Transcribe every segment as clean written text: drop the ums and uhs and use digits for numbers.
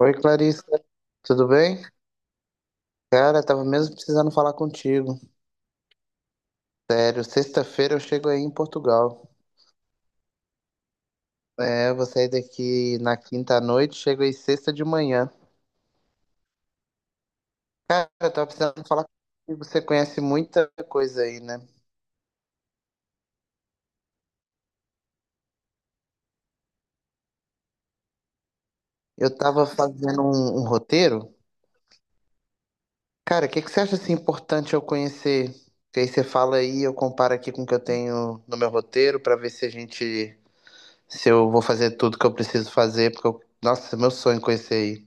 Oi, Clarissa, tudo bem? Cara, tava mesmo precisando falar contigo. Sério, sexta-feira eu chego aí em Portugal. É, eu vou sair daqui na quinta à noite, chego aí sexta de manhã. Cara, eu tava precisando falar contigo, você conhece muita coisa aí, né? Eu tava fazendo um roteiro. Cara, o que que você acha assim importante eu conhecer? Que aí você fala aí, eu comparo aqui com o que eu tenho no meu roteiro pra ver se a gente, se eu vou fazer tudo que eu preciso fazer, porque eu, nossa, meu sonho é conhecer aí.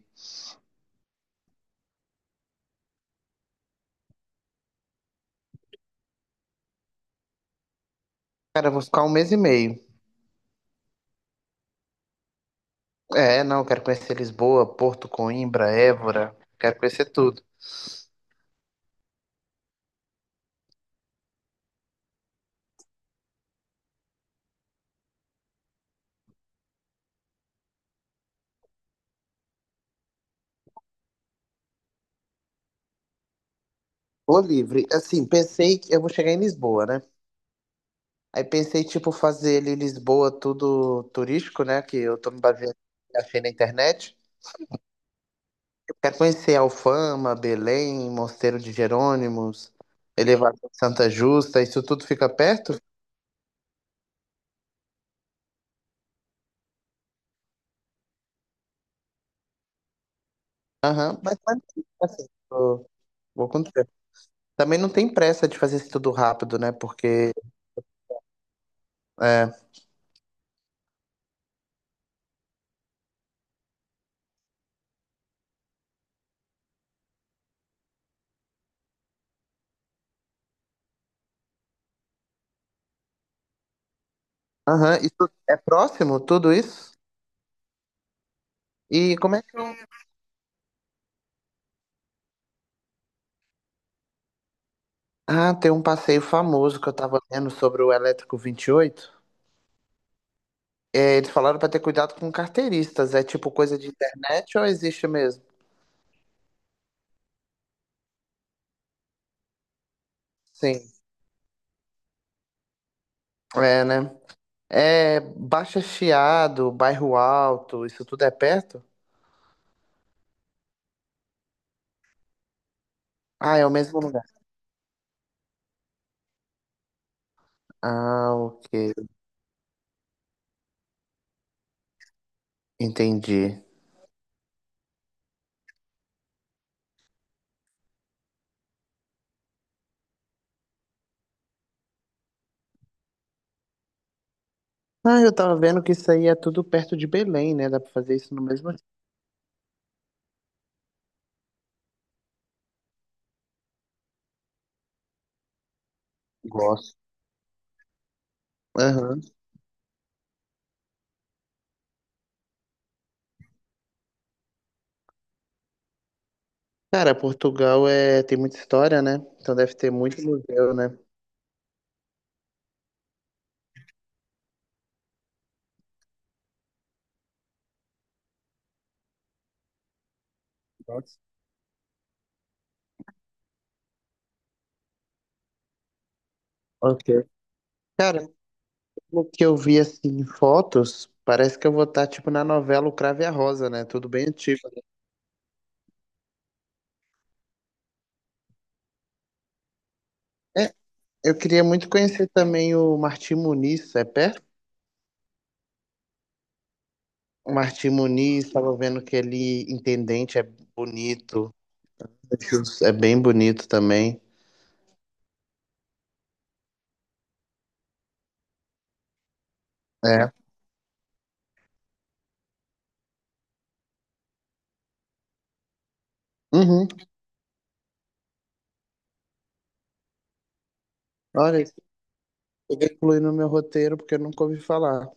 Cara, eu vou ficar um mês e meio. É, não, quero conhecer Lisboa, Porto, Coimbra, Évora, quero conhecer tudo. Tô livre. Assim, pensei que eu vou chegar em Lisboa, né? Aí pensei, tipo, fazer ali Lisboa tudo turístico, né? Que eu tô me baseando no que achei na internet. Eu quero conhecer Alfama, Belém, Mosteiro de Jerônimos, Elevação de Santa Justa, isso tudo fica perto? Aham, mas, assim, vou com tempo. Também não tem pressa de fazer isso tudo rápido, né? Porque é, aham, isso é próximo, tudo isso? E como é que Ah, tem um passeio famoso que eu tava lendo sobre o Elétrico 28. É, eles falaram pra ter cuidado com carteiristas. É tipo coisa de internet ou existe mesmo? Sim, é, né? É Baixa Chiado, Bairro Alto, isso tudo é perto? Ah, é o mesmo lugar. Ah, ok. Entendi. Ah, eu tava vendo que isso aí é tudo perto de Belém, né? Dá pra fazer isso no mesmo. Gosto. Aham. Cara, Portugal é, tem muita história, né? Então deve ter muito museu, né? Ok. Cara, pelo que eu vi assim em fotos, parece que eu vou estar tipo na novela O Cravo e a Rosa, né? Tudo bem antigo. É, eu queria muito conhecer também o Martim Muniz, é perto? O Martim Muniz, estava vendo que ele intendente é bonito, é bem bonito também. É. Uhum. Olha, eu vou incluir no meu roteiro porque eu nunca ouvi falar.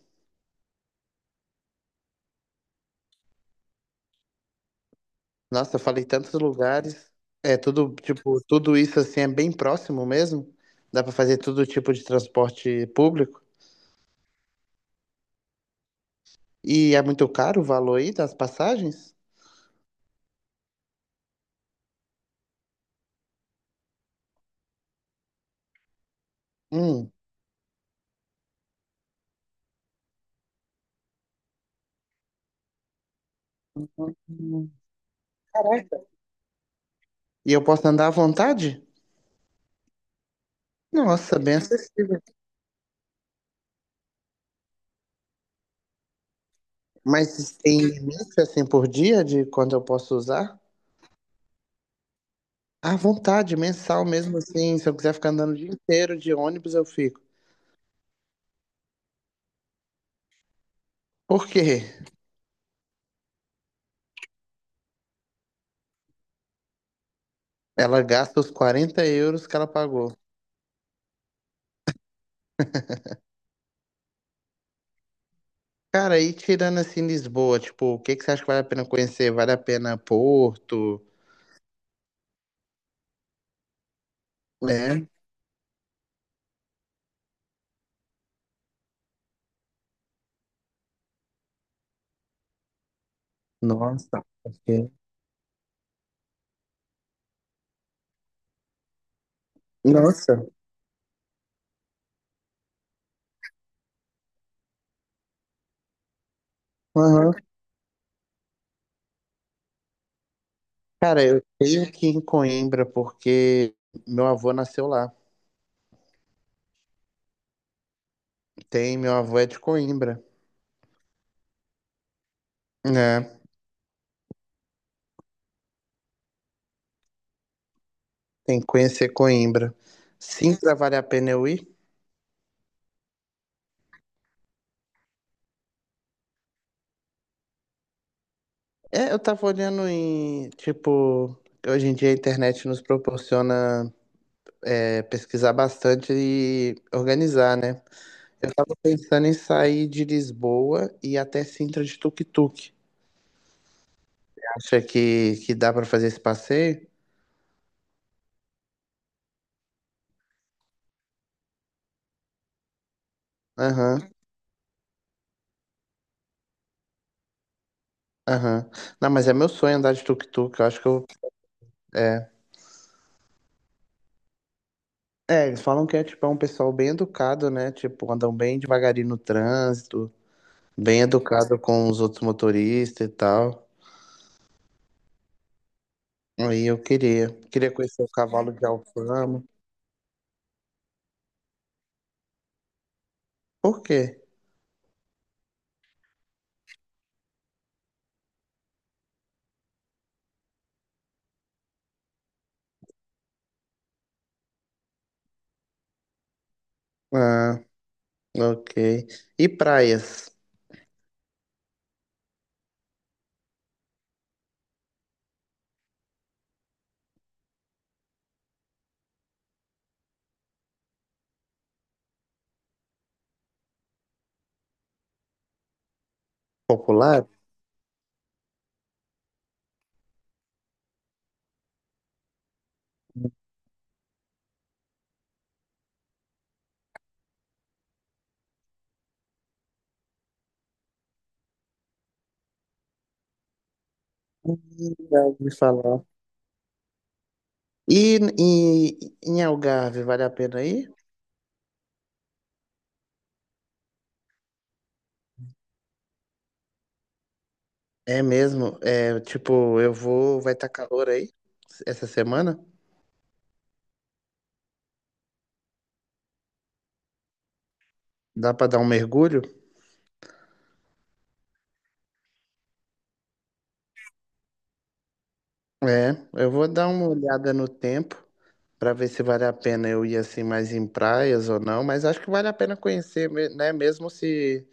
Nossa, eu falei tantos lugares. É tudo, tipo, tudo isso assim é bem próximo mesmo? Dá para fazer todo tipo de transporte público? E é muito caro o valor aí das passagens? Hum. Hum. Caraca. E eu posso andar à vontade? Nossa, bem acessível. Mas tem limite assim por dia de quando eu posso usar? À vontade, mensal mesmo assim. Se eu quiser ficar andando o dia inteiro de ônibus, eu fico. Por quê? Ela gasta os 40 euros que ela pagou. Cara, e tirando assim Lisboa, tipo, o que que você acha que vale a pena conhecer? Vale a pena Porto, né? Nossa. Ok. Nossa. Aham. Cara, eu tenho que ir em Coimbra porque meu avô nasceu lá. Tem, meu avô é de Coimbra, né? Tem que conhecer Coimbra. Sintra vale a pena eu ir? É, eu tava olhando em, tipo, hoje em dia a internet nos proporciona pesquisar bastante e organizar, né? Eu tava pensando em sair de Lisboa e ir até Sintra de tuk-tuk. Acha que dá pra fazer esse passeio? Aham, aham. Não, mas é meu sonho andar de tuk-tuk. Eu acho que eu. É. É, eles falam que é tipo é um pessoal bem educado, né? Tipo, andam bem devagarinho no trânsito, bem educado com os outros motoristas e tal. Aí eu queria conhecer o cavalo de Alfama. Por quê? Ah, ok. E praias populares? Hum. Já ouvi falar. E em Algarve, vale a pena ir? É mesmo, é, tipo, vai estar calor aí essa semana? Dá pra dar um mergulho? É, eu vou dar uma olhada no tempo para ver se vale a pena eu ir assim mais em praias ou não, mas acho que vale a pena conhecer, né? Mesmo se,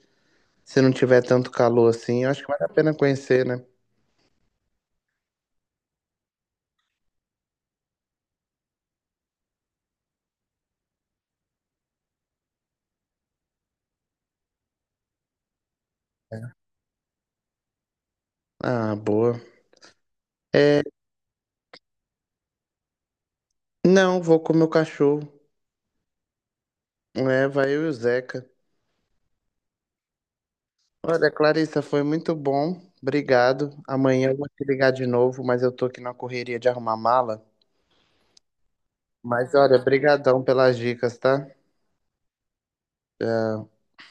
se não tiver tanto calor assim, eu acho que vale a pena conhecer, né? É. Ah, boa. É, não, vou com o meu cachorro. É, vai eu e o Zeca. Olha, Clarissa, foi muito bom. Obrigado. Amanhã eu vou te ligar de novo, mas eu tô aqui na correria de arrumar mala. Mas olha, brigadão pelas dicas, tá?